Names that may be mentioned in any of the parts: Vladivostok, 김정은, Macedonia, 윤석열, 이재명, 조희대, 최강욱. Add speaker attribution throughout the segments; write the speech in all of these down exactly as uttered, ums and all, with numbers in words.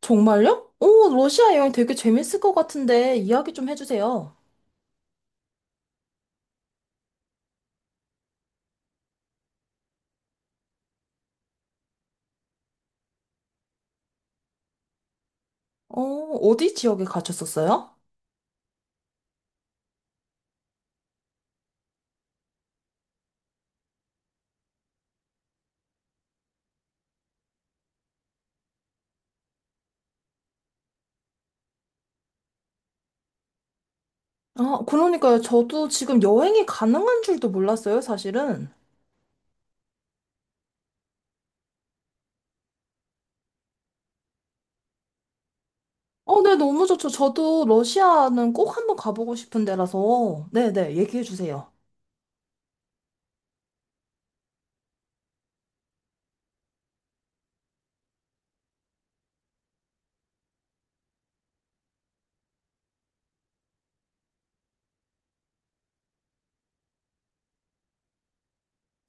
Speaker 1: 정말요? 오, 러시아 여행 되게 재밌을 것 같은데 이야기 좀 해주세요. 어, 어디 지역에 가셨었어요? 아, 그러니까요. 저도 지금 여행이 가능한 줄도 몰랐어요, 사실은. 어, 네, 너무 좋죠. 저도 러시아는 꼭 한번 가보고 싶은 데라서. 네네, 얘기해 주세요.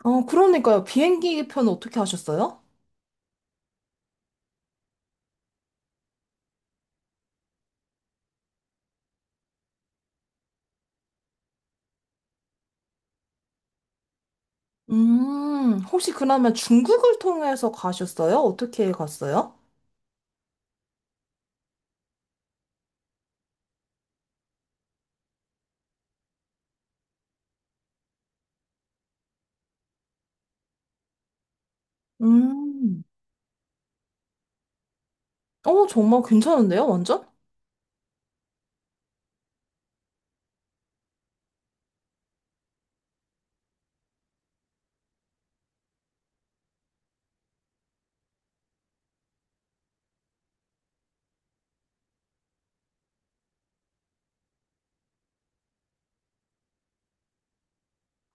Speaker 1: 어, 그러니까요. 비행기 편 어떻게 하셨어요? 음, 혹시 그러면 중국을 통해서 가셨어요? 어떻게 갔어요? 음, 어, 정말 괜찮은데요, 완전?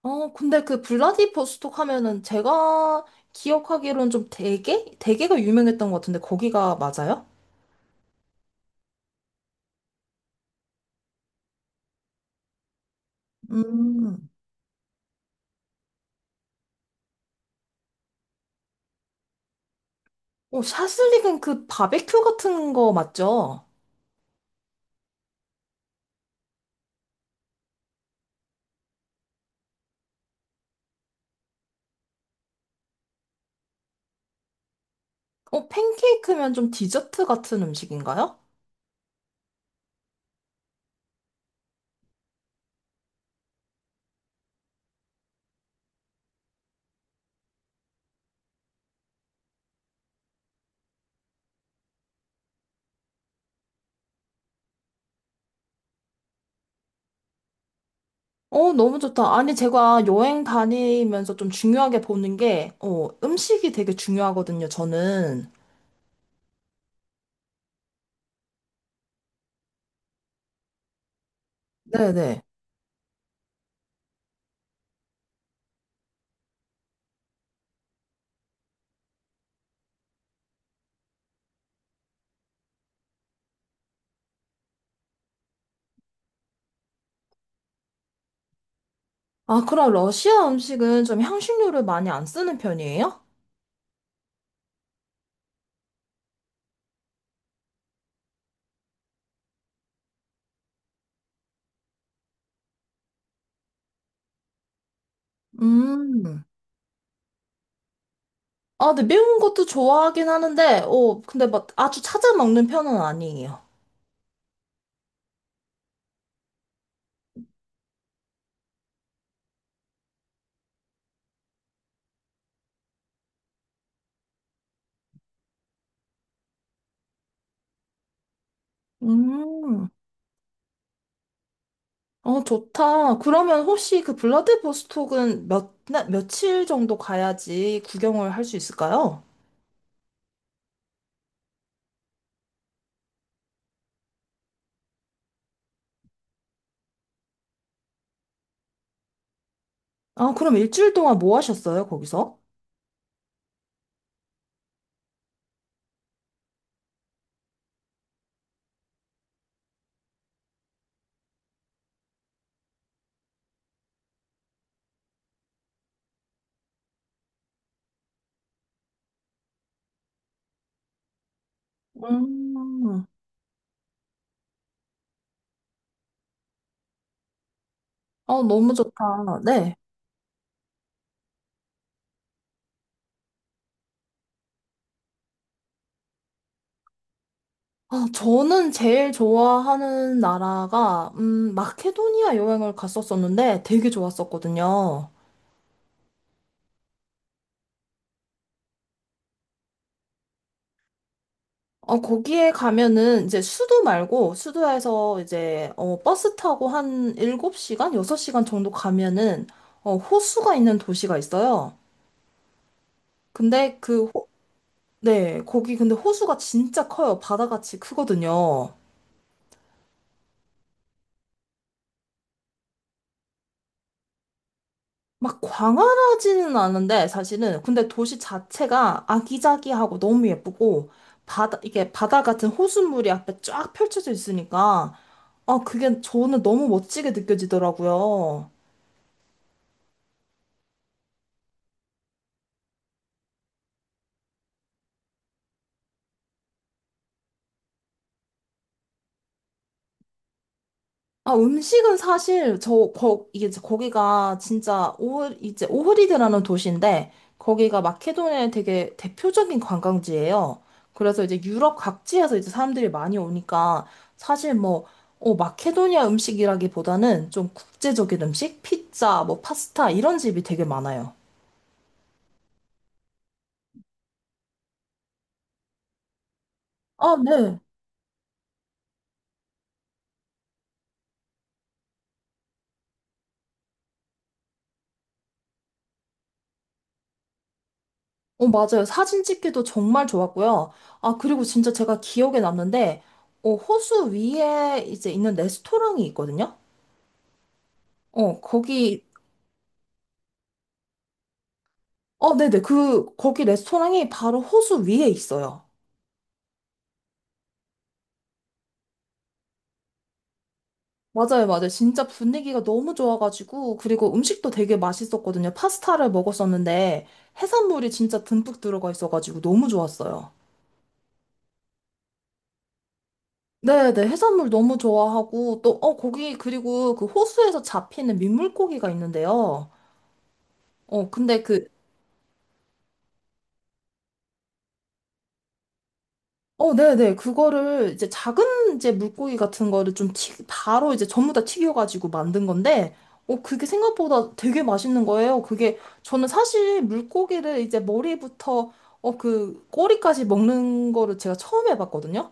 Speaker 1: 어, 근데 그 블라디보스톡 하면은 제가 기억하기로는 좀 대게? 대게가 유명했던 것 같은데 거기가 맞아요? 음. 어, 샤슬릭은 그 바베큐 같은 거 맞죠? 어, 팬케이크면 좀 디저트 같은 음식인가요? 어, 너무 좋다. 아니, 제가 여행 다니면서 좀 중요하게 보는 게, 어, 음식이 되게 중요하거든요, 저는. 네네. 아, 그럼 러시아 음식은 좀 향신료를 많이 안 쓰는 편이에요? 음. 아, 근데 매운 것도 좋아하긴 하는데, 어, 근데 막 아주 찾아 먹는 편은 아니에요. 음, 어, 좋다. 그러면 혹시 그 블라디보스톡은 몇, 날, 며칠 정도 가야지 구경을 할 수 있을까요? 아, 그럼 일주일 동안 뭐 하셨어요, 거기서? 음, 아, 너무 좋다. 네. 아, 저는 제일 좋아하는 나라가, 음, 마케도니아 여행을 갔었었는데 되게 좋았었거든요. 어, 거기에 가면은 이제 수도 말고 수도에서 이제 어, 버스 타고 한 일곱 시간 여섯 시간 정도 가면은 어, 호수가 있는 도시가 있어요. 근데 그 호- 네, 거기 근데 호수가 진짜 커요. 바다같이 크거든요. 막 광활하지는 않은데 사실은 근데 도시 자체가 아기자기하고 너무 예쁘고 바다 이게 바다 같은 호수물이 앞에 쫙 펼쳐져 있으니까 아, 그게 저는 너무 멋지게 느껴지더라고요. 아, 음식은 사실 저 거, 이게 이제 거기가 진짜 오흐 이제 오흐리드라는 도시인데 거기가 마케도니아의 되게 대표적인 관광지예요. 그래서 이제 유럽 각지에서 이제 사람들이 많이 오니까 사실 뭐 어, 마케도니아 음식이라기보다는 좀 국제적인 음식, 피자, 뭐 파스타 이런 집이 되게 많아요. 아, 네. 어, 맞아요. 사진 찍기도 정말 좋았고요. 아, 그리고 진짜 제가 기억에 남는데 어, 호수 위에 이제 있는 레스토랑이 있거든요. 어, 거기, 어, 네네. 그, 거기 레스토랑이 바로 호수 위에 있어요. 맞아요, 맞아요. 진짜 분위기가 너무 좋아가지고, 그리고 음식도 되게 맛있었거든요. 파스타를 먹었었는데, 해산물이 진짜 듬뿍 들어가 있어가지고 너무 좋았어요. 네네. 해산물 너무 좋아하고, 또, 어, 거기, 그리고 그 호수에서 잡히는 민물고기가 있는데요. 어, 근데 그 어, 네네. 그거를 이제 작은 이제 물고기 같은 거를 좀 튀, 바로 이제 전부 다 튀겨가지고 만든 건데, 어, 그게 생각보다 되게 맛있는 거예요. 그게, 저는 사실 물고기를 이제 머리부터, 어, 그, 꼬리까지 먹는 거를 제가 처음 해봤거든요.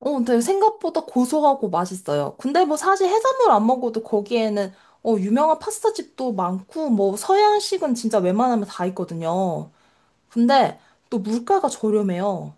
Speaker 1: 어, 근데 생각보다 고소하고 맛있어요. 근데 뭐 사실 해산물 안 먹어도 거기에는, 어, 유명한 파스타집도 많고, 뭐 서양식은 진짜 웬만하면 다 있거든요. 근데 또 물가가 저렴해요.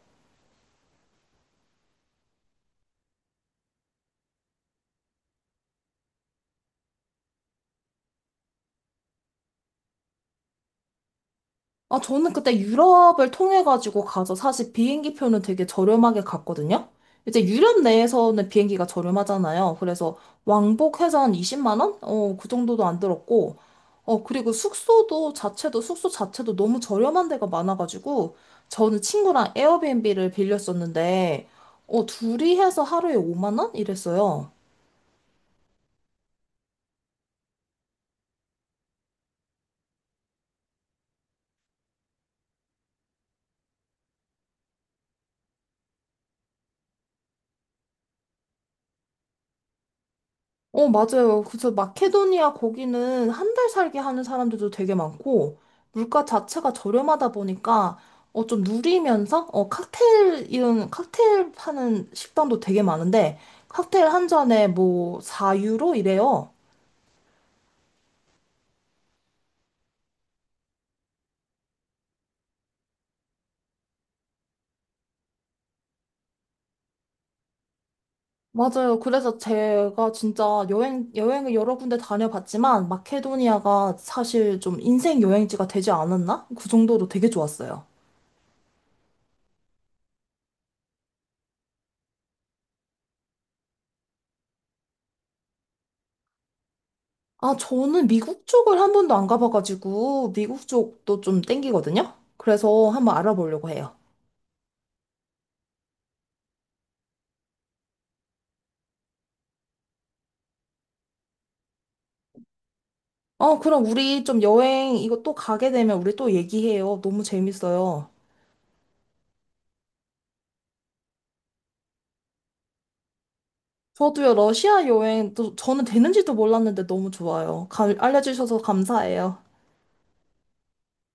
Speaker 1: 아, 저는 그때 유럽을 통해가지고 가서 사실 비행기 표는 되게 저렴하게 갔거든요? 이제 유럽 내에서는 비행기가 저렴하잖아요. 그래서 왕복해서 한 이십만 원? 어, 그 정도도 안 들었고, 어, 그리고 숙소도 자체도, 숙소 자체도 너무 저렴한 데가 많아가지고, 저는 친구랑 에어비앤비를 빌렸었는데, 어, 둘이 해서 하루에 오만 원? 이랬어요. 어, 맞아요. 그래서 마케도니아 거기는 한 달 살기 하는 사람들도 되게 많고, 물가 자체가 저렴하다 보니까, 어, 좀 누리면서, 어, 칵테일, 이런 칵테일 파는 식당도 되게 많은데, 칵테일 한 잔에 뭐, 사 유로 이래요. 맞아요. 그래서 제가 진짜 여행, 여행을 여러 군데 다녀봤지만, 마케도니아가 사실 좀 인생 여행지가 되지 않았나? 그 정도로 되게 좋았어요. 아, 저는 미국 쪽을 한 번도 안 가봐가지고, 미국 쪽도 좀 땡기거든요? 그래서 한번 알아보려고 해요. 어, 그럼 우리 좀 여행, 이거 또 가게 되면 우리 또 얘기해요. 너무 재밌어요. 저도요, 러시아 여행, 또 저는 되는지도 몰랐는데 너무 좋아요. 가- 알려주셔서 감사해요.